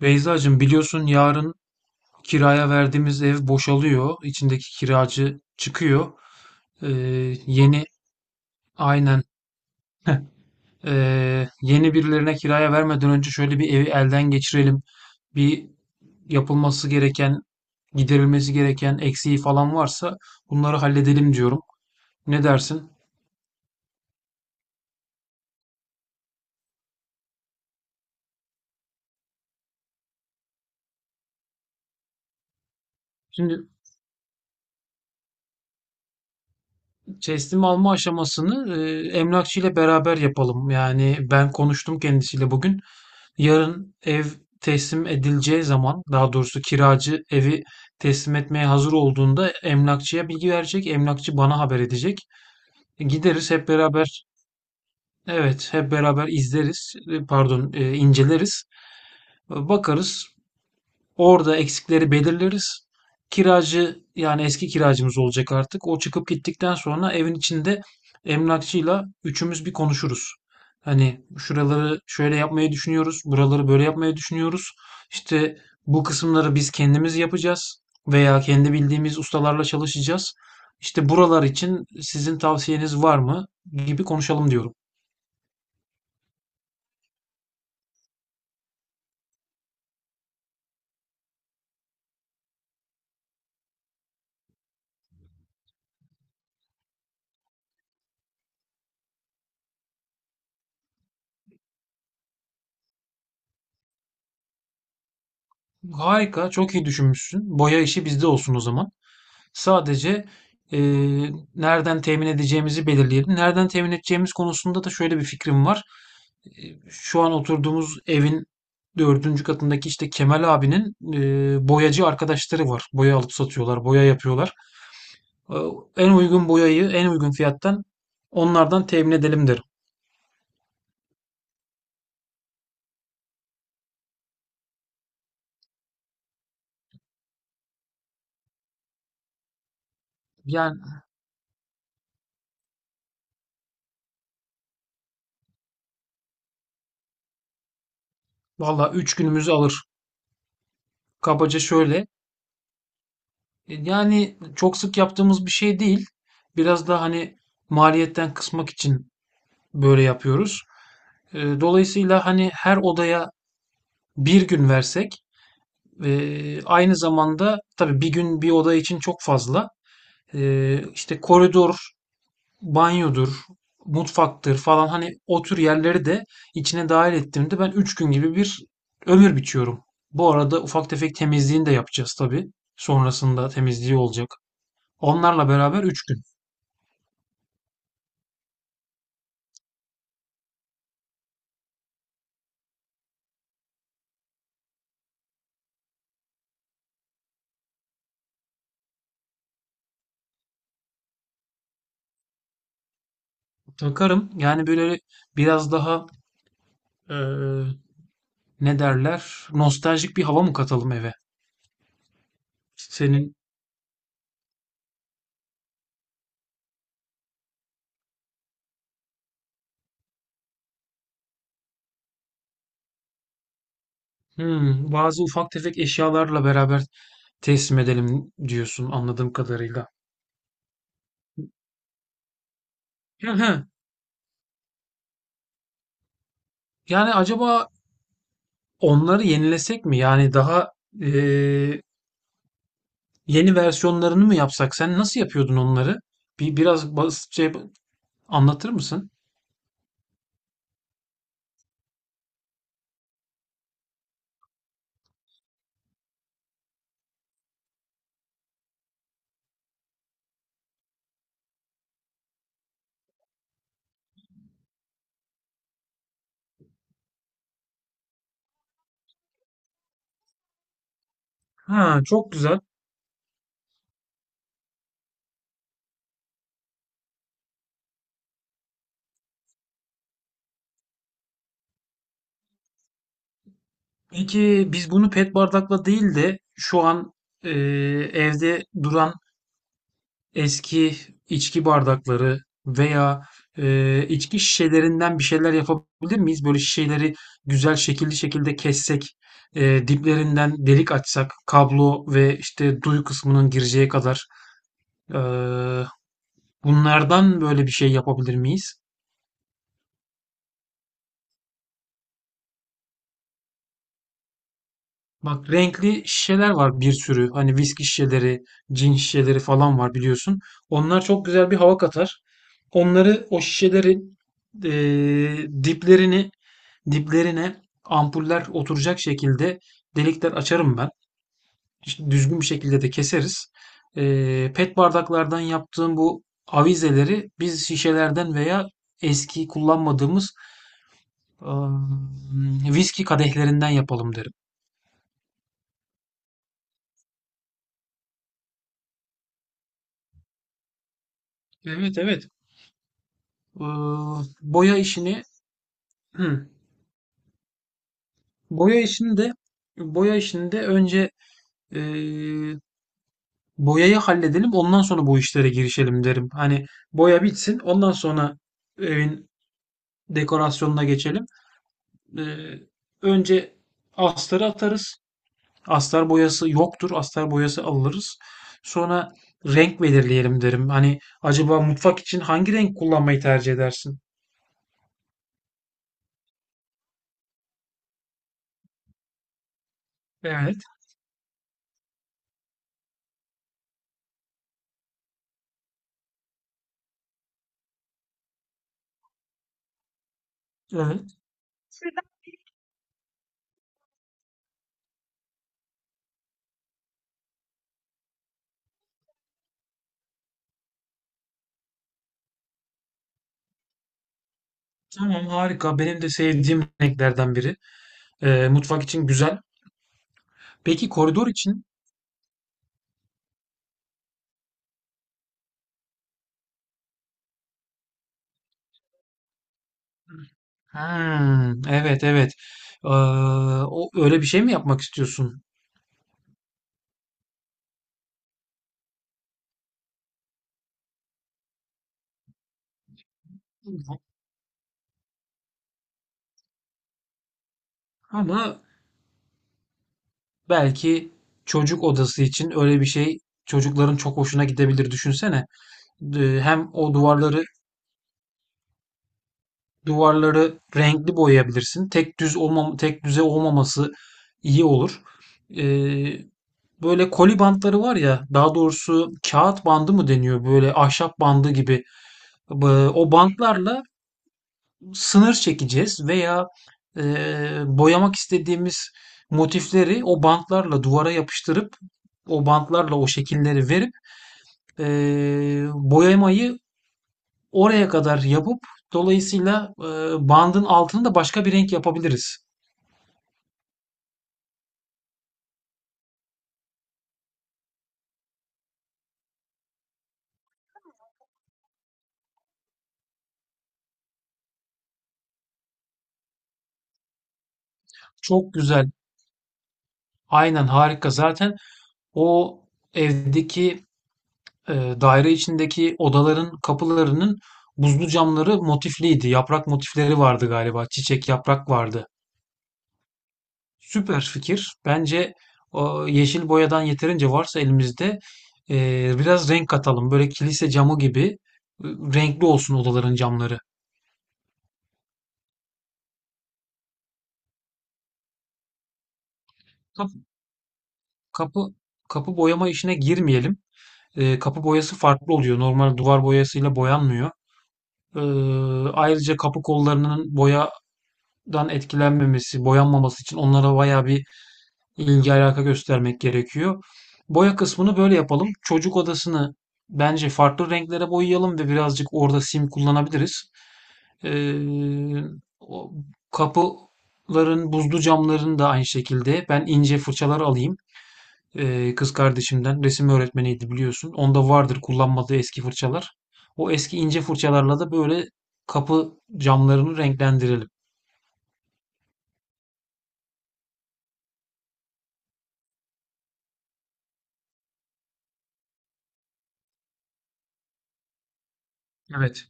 Beyzacığım biliyorsun yarın kiraya verdiğimiz ev boşalıyor. İçindeki kiracı çıkıyor. Ee, Yeni aynen yeni birilerine kiraya vermeden önce şöyle bir evi elden geçirelim. Bir yapılması gereken, giderilmesi gereken eksiği falan varsa bunları halledelim diyorum. Ne dersin? Şimdi teslim alma aşamasını emlakçı ile beraber yapalım. Yani ben konuştum kendisiyle bugün. Yarın ev teslim edileceği zaman, daha doğrusu kiracı evi teslim etmeye hazır olduğunda emlakçıya bilgi verecek. Emlakçı bana haber edecek. Gideriz hep beraber. Evet, hep beraber izleriz. Pardon, inceleriz. Bakarız. Orada eksikleri belirleriz. Kiracı yani eski kiracımız olacak artık. O çıkıp gittikten sonra evin içinde emlakçıyla üçümüz bir konuşuruz. Hani şuraları şöyle yapmayı düşünüyoruz, buraları böyle yapmayı düşünüyoruz. İşte bu kısımları biz kendimiz yapacağız veya kendi bildiğimiz ustalarla çalışacağız. İşte buralar için sizin tavsiyeniz var mı gibi konuşalım diyorum. Harika, çok iyi düşünmüşsün. Boya işi bizde olsun o zaman. Sadece, nereden temin edeceğimizi belirleyelim. Nereden temin edeceğimiz konusunda da şöyle bir fikrim var. Şu an oturduğumuz evin dördüncü katındaki, işte, Kemal abinin, boyacı arkadaşları var. Boya alıp satıyorlar, boya yapıyorlar. Ooo, en uygun boyayı en uygun fiyattan onlardan temin edelim derim. Yani, vallahi üç günümüzü alır. Kabaca şöyle, yani, çok sık yaptığımız bir şey değil. Biraz da, hani, maliyetten kısmak için böyle yapıyoruz. Dolayısıyla hani her odaya bir gün versek aynı zamanda tabii bir gün bir oda için çok fazla işte koridor, banyodur, mutfaktır falan hani o tür yerleri de içine dahil ettiğimde ben 3 gün gibi bir ömür biçiyorum. Bu arada ufak tefek temizliğini de yapacağız tabii. Sonrasında temizliği olacak. Onlarla beraber 3 gün. Takarım. Yani böyle biraz daha e, ne derler? Nostaljik bir hava mı katalım eve? Senin bazı ufak tefek eşyalarla beraber teslim edelim diyorsun anladığım kadarıyla. Hı hı. Yani acaba onları yenilesek mi? Yani daha eee, yeni versiyonlarını mı yapsak? Sen nasıl yapıyordun onları? Biraz basitçe anlatır mısın? Ha, çok güzel. Peki biz bunu pet bardakla değil de şu an eee, evde duran eski içki bardakları veya, içki şişelerinden bir şeyler yapabilir miyiz? Böyle şişeleri güzel şekilli şekilde kessek, diplerinden delik açsak, kablo ve işte duy kısmının gireceği kadar. Eee, Bunlardan böyle bir şey yapabilir miyiz? Bak renkli şişeler var bir sürü. Hani viski şişeleri, cin şişeleri falan var biliyorsun. Onlar çok güzel bir hava katar. Onları o şişelerin eee, diplerini diplerine ampuller oturacak şekilde delikler açarım ben. İşte düzgün bir şekilde de keseriz. Pet bardaklardan yaptığım bu avizeleri biz şişelerden veya eski kullanmadığımız ıı, viski kadehlerinden yapalım derim. Evet, evet. Boya işini boya işini de boya işini de önce eee, boyayı halledelim ondan sonra bu işlere girişelim derim. Hani boya bitsin ondan sonra evin dekorasyonuna geçelim. Eee, Önce astarı atarız. Astar boyası yoktur. Astar boyası alırız. Sonra renk belirleyelim derim. Hani acaba mutfak için hangi renk kullanmayı tercih edersin? Evet, evet. Tamam harika. Benim de sevdiğim renklerden biri. Mutfak için güzel. Peki koridor için? Hımm. Evet, evet. Eee, O öyle bir şey mi yapmak istiyorsun? Ama belki çocuk odası için öyle bir şey çocukların çok hoşuna gidebilir. Düşünsene. Hem o duvarları renkli boyayabilirsin. Tek düze olmaması iyi olur. Eee, Böyle koli bantları var ya, daha doğrusu kağıt bandı mı deniyor? Böyle ahşap bandı gibi. O bantlarla sınır çekeceğiz veya boyamak istediğimiz motifleri o bantlarla duvara yapıştırıp o bantlarla o şekilleri verip boyamayı oraya kadar yapıp dolayısıyla bandın altını da başka bir renk yapabiliriz. Çok güzel. Aynen harika. Zaten o evdeki e, daire içindeki odaların kapılarının buzlu camları motifliydi. Yaprak motifleri vardı galiba. Çiçek yaprak vardı. Süper fikir. Bence o yeşil boyadan yeterince varsa elimizde biraz renk katalım. Böyle kilise camı gibi renkli olsun odaların camları. Kapı, kapı, kapı boyama işine girmeyelim. Kapı boyası farklı oluyor. Normal duvar boyasıyla boyanmıyor. E, Ayrıca kapı kollarının boyadan etkilenmemesi, boyanmaması için onlara bayağı bir ilgi alaka göstermek gerekiyor. Boya kısmını böyle yapalım. Çocuk odasını bence farklı renklere boyayalım ve birazcık orada sim kullanabiliriz. Ee, Kapıların buzlu camların da aynı şekilde ben ince fırçalar alayım. Kız kardeşimden resim öğretmeniydi biliyorsun. Onda vardır kullanmadığı eski fırçalar. O eski ince fırçalarla da böyle kapı camlarını renklendirelim. Evet.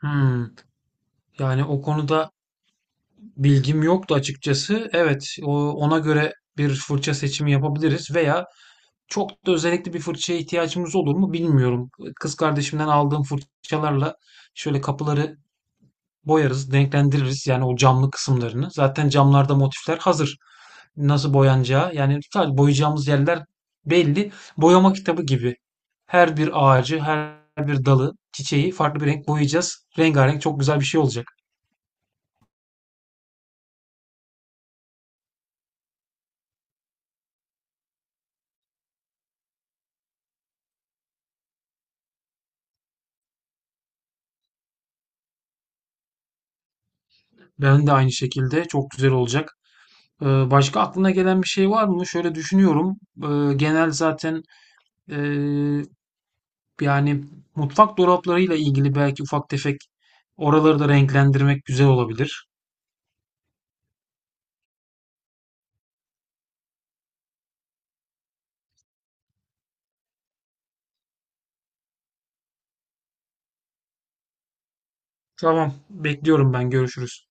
Hmm. Yani o konuda bilgim yoktu açıkçası. Evet, ona göre bir fırça seçimi yapabiliriz veya çok da özellikle bir fırçaya ihtiyacımız olur mu bilmiyorum. Kız kardeşimden aldığım fırçalarla şöyle kapıları boyarız, renklendiririz yani o camlı kısımlarını. Zaten camlarda motifler hazır. Nasıl boyanacağı yani sadece boyayacağımız yerler belli. Boyama kitabı gibi. Her bir ağacı, her bir dalı, çiçeği farklı bir renk boyayacağız. Rengarenk çok güzel bir şey olacak. Ben de aynı şekilde çok güzel olacak. Başka aklına gelen bir şey var mı? Şöyle düşünüyorum. Genel zaten ee, yani mutfak dolaplarıyla ilgili belki ufak tefek oraları da renklendirmek güzel olabilir. Tamam, bekliyorum ben. Görüşürüz.